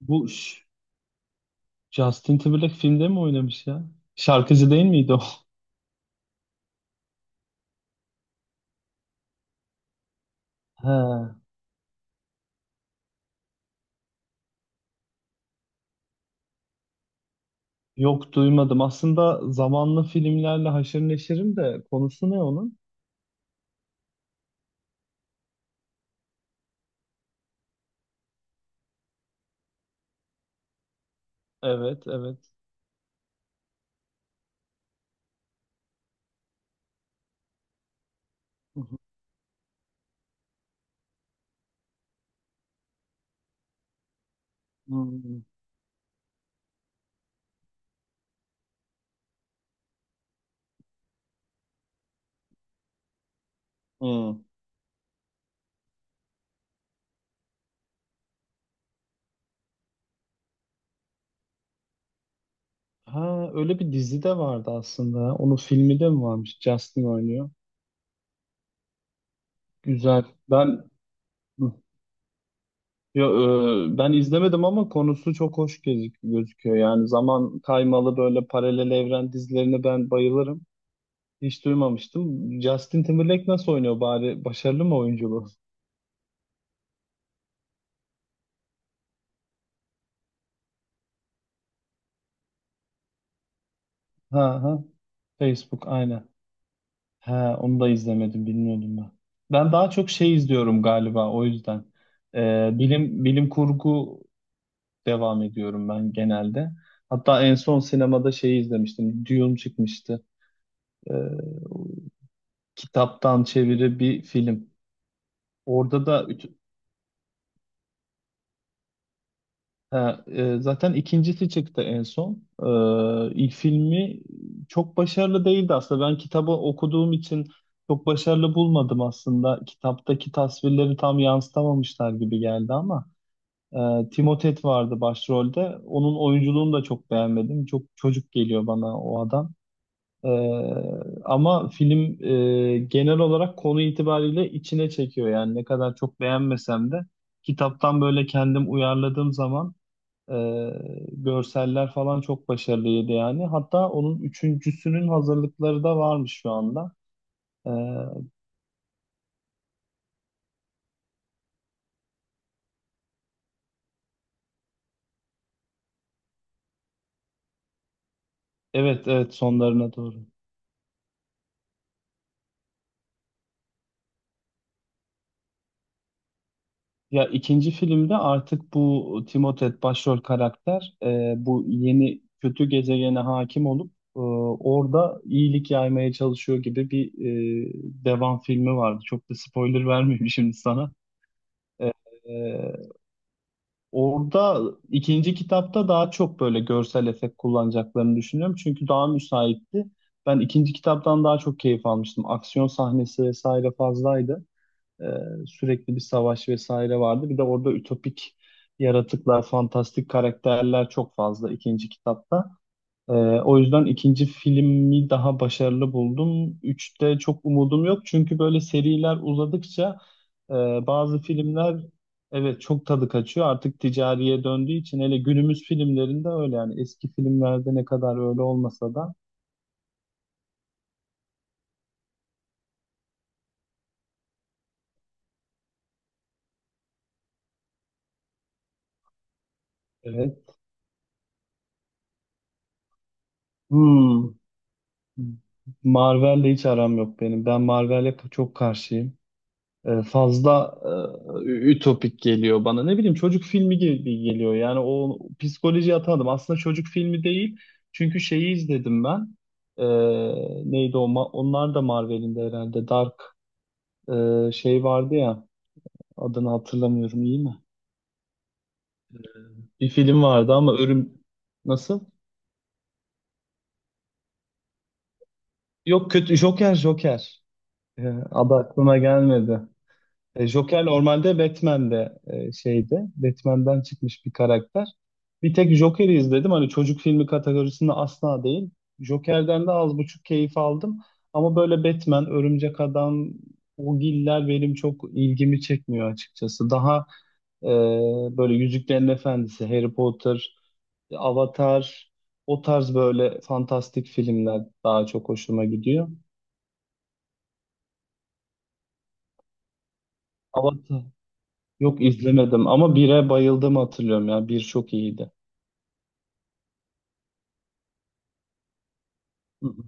Bu Ş- Justin Timberlake filmde mi oynamış ya? Şarkıcı değil miydi o? He, yok duymadım. Aslında zamanlı filmlerle haşır neşirim de konusu ne onun? Evet, evet. Hı hı. Hmm. Hmm. Ha, öyle bir dizi de vardı aslında. Onun filmi de mi varmış? Justin oynuyor. Güzel. Ben. Hı. Yo, ben izlemedim ama konusu çok hoş gözüküyor. Yani zaman kaymalı böyle paralel evren dizilerine ben bayılırım. Hiç duymamıştım. Justin Timberlake nasıl oynuyor bari? Başarılı mı oyunculuğu? Ha ha. Facebook aynen. Ha, onu da izlemedim, bilmiyordum ben. Ben daha çok şey izliyorum galiba o yüzden. Bilim kurgu devam ediyorum ben genelde. Hatta en son sinemada şeyi izlemiştim. Dune çıkmıştı. Ee, kitaptan çeviri bir film. Orada da. Ha, zaten ikincisi çıktı en son. İlk filmi çok başarılı değildi aslında. Ben kitabı okuduğum için çok başarılı bulmadım aslında. Kitaptaki tasvirleri tam yansıtamamışlar gibi geldi ama e, Timothée vardı başrolde. Onun oyunculuğunu da çok beğenmedim. Çok çocuk geliyor bana o adam. Ee, ama film genel olarak konu itibariyle içine çekiyor yani, ne kadar çok beğenmesem de kitaptan böyle kendim uyarladığım zaman ee, görseller falan çok başarılıydı yani. Hatta onun üçüncüsünün hazırlıkları da varmış şu anda. Ee, evet, evet, sonlarına doğru. Ya, ikinci filmde artık bu Timothée başrol karakter, bu yeni kötü gezegene hakim olup, orada iyilik yaymaya çalışıyor gibi bir e, devam filmi vardı. Çok da spoiler vermeyeyim şimdi sana. E, Orada ikinci kitapta daha çok böyle görsel efekt kullanacaklarını düşünüyorum. Çünkü daha müsaitti. Ben ikinci kitaptan daha çok keyif almıştım. Aksiyon sahnesi vesaire fazlaydı. Ee, sürekli bir savaş vesaire vardı. Bir de orada ütopik yaratıklar, fantastik karakterler çok fazla ikinci kitapta. Ee, o yüzden ikinci filmi daha başarılı buldum. Üçte çok umudum yok çünkü böyle seriler uzadıkça e, bazı filmler, evet, çok tadı kaçıyor. Artık ticariye döndüğü için, hele günümüz filmlerinde öyle yani, eski filmlerde ne kadar öyle olmasa da. Evet. Hmm. Marvel'le hiç aram yok benim. Ben Marvel'e çok karşıyım. Fazla e, ütopik geliyor bana. Ne bileyim, çocuk filmi gibi geliyor. Yani o psikolojiye atamadım. Aslında çocuk filmi değil. Çünkü şeyi izledim ben. E, neydi o? Onlar da Marvel'in de herhalde. Dark, şey vardı ya. Adını hatırlamıyorum iyi mi? Bir film vardı ama. Nasıl? Yok, kötü. Joker, Joker. Adı aklıma gelmedi. Joker normalde Batman'de, şeyde, Batman'den çıkmış bir karakter. Bir tek Joker'i izledim. Hani çocuk filmi kategorisinde asla değil. Joker'den de az buçuk keyif aldım. Ama böyle Batman, Örümcek Adam, o giller benim çok ilgimi çekmiyor açıkçası. Daha e, böyle Yüzüklerin Efendisi, Harry Potter, Avatar, o tarz böyle fantastik filmler daha çok hoşuma gidiyor. Yok izlemedim ama bire bayıldım, hatırlıyorum ya. Bir çok iyiydi. Hı hı.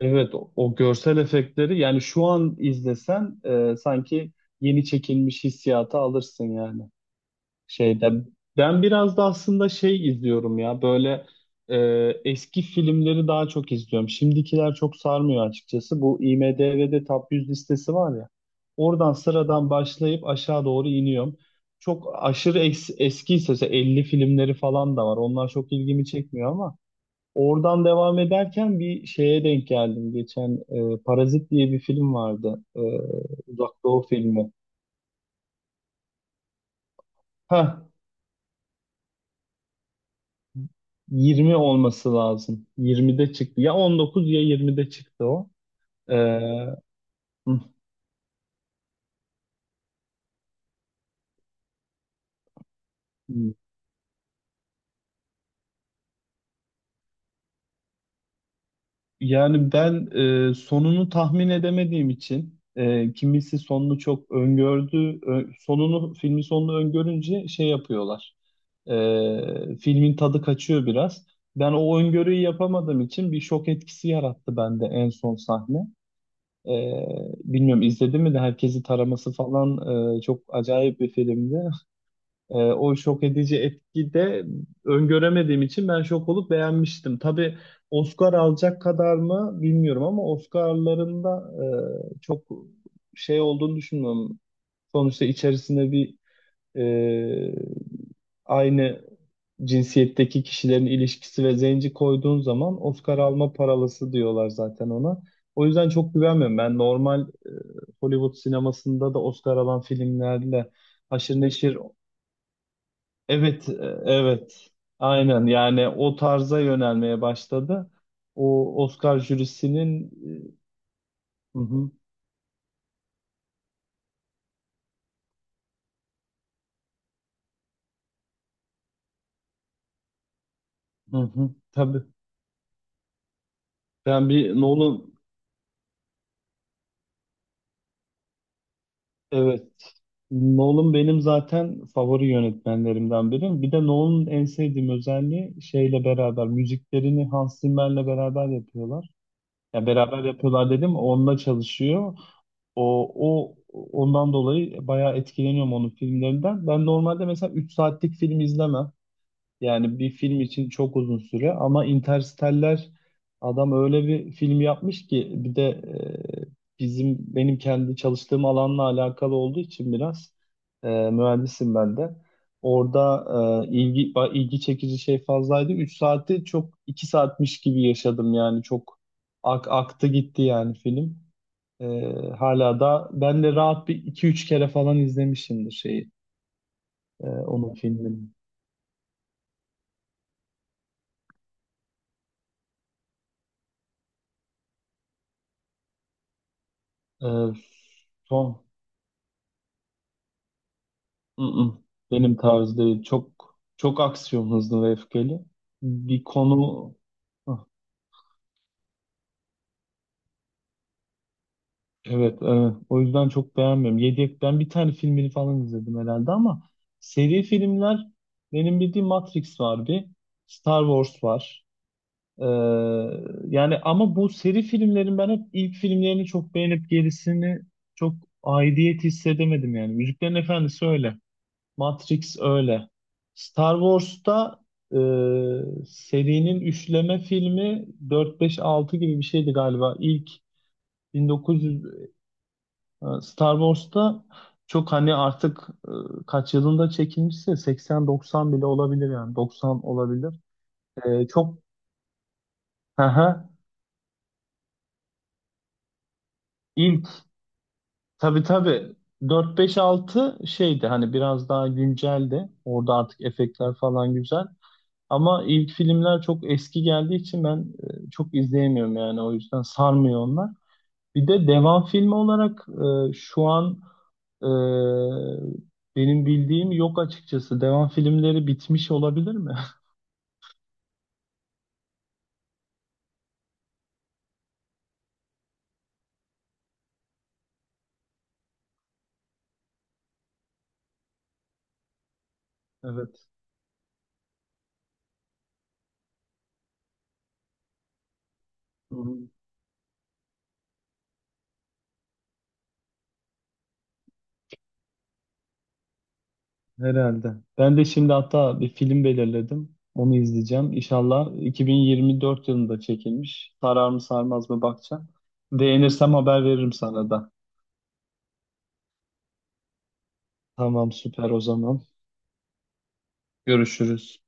Evet, o görsel efektleri, yani şu an izlesen sanki yeni çekilmiş hissiyatı alırsın yani. Şeyde, ben biraz da aslında şey izliyorum ya, böyle e, eski filmleri daha çok izliyorum. Şimdikiler çok sarmıyor açıkçası. Bu IMDb'de Top 100 listesi var ya. Oradan sıradan başlayıp aşağı doğru iniyorum. Çok aşırı eskiyse mesela 50 filmleri falan da var. Onlar çok ilgimi çekmiyor ama oradan devam ederken bir şeye denk geldim. Geçen Parazit diye bir film vardı. Uzak Doğu filmi. Heh, 20 olması lazım. 20'de çıktı. Ya 19 ya 20'de çıktı o. Ee, hı. Yani ben sonunu tahmin edemediğim için, kimisi sonunu çok öngördü. Ö- sonunu filmin sonunu öngörünce şey yapıyorlar. Filmin tadı kaçıyor biraz. Ben o öngörüyü yapamadığım için bir şok etkisi yarattı bende en son sahne. Ee, bilmiyorum, izledim mi de herkesi taraması falan, çok acayip bir filmdi. O şok edici etki de öngöremediğim için ben şok olup beğenmiştim. Tabii, Oscar alacak kadar mı bilmiyorum ama Oscar'larında çok şey olduğunu düşünmüyorum. Sonuçta içerisinde bir e, aynı cinsiyetteki kişilerin ilişkisi ve zenci koyduğun zaman Oscar alma paralısı diyorlar zaten ona. O yüzden çok güvenmiyorum. Ben normal, Hollywood sinemasında da Oscar alan filmlerle haşır neşir. Evet, evet. Aynen yani o tarza yönelmeye başladı. O Oscar jürisinin. Hı hı. Hı hı, tabii. Ben bir Nolan. Evet, Nolan benim zaten favori yönetmenlerimden biri. Bir de Nolan'ın en sevdiğim özelliği şeyle beraber müziklerini Hans Zimmer'le beraber yapıyorlar. Ya beraber yapıyorlar dedim, onunla çalışıyor. O ondan dolayı bayağı etkileniyorum onun filmlerinden. Ben normalde mesela 3 saatlik film izlemem. Yani bir film için çok uzun süre, ama Interstellar, adam öyle bir film yapmış ki, bir de benim kendi çalıştığım alanla alakalı olduğu için biraz, mühendisim ben de. Orada ilgi çekici şey fazlaydı. 3 saati çok, 2 saatmiş gibi yaşadım yani, çok aktı gitti yani film. E, hala da ben de rahat bir iki 3 kere falan izlemişimdir şeyi, onun filmini. E, son. Mm-mm. Benim tarzı değil. Çok çok aksiyon, hızlı ve öfkeli. Bir konu. Ah. Evet, evet. O yüzden çok beğenmiyorum. Yedi, ben bir tane filmini falan izledim herhalde, ama seri filmler benim bildiğim Matrix var bir, Star Wars var. Ee, yani ama bu seri filmlerin ben hep ilk filmlerini çok beğenip gerisini çok aidiyet hissedemedim yani. Müziklerin Efendisi öyle. Matrix öyle. Star Wars'ta e, serinin üçleme filmi dört beş altı gibi bir şeydi galiba. İlk 1900 , Star Wars'ta çok hani artık, kaç yılında çekilmişse 80-90 bile olabilir yani 90 olabilir. Çok. Hı hı. ilk tabii, tabii, dört beş altı şeydi, hani biraz daha günceldi. Orada artık efektler falan güzel. Ama ilk filmler çok eski geldiği için ben çok izleyemiyorum yani, o yüzden sarmıyor onlar. Bir de devam filmi olarak şu an e, benim bildiğim yok açıkçası. Devam filmleri bitmiş olabilir mi? Evet. Hı hı. Herhalde. Ben de şimdi hatta bir film belirledim. Onu izleyeceğim. İnşallah 2024 yılında çekilmiş. Sarar mı sarmaz mı bakacağım. Beğenirsem haber veririm sana da. Tamam, süper o zaman. Görüşürüz.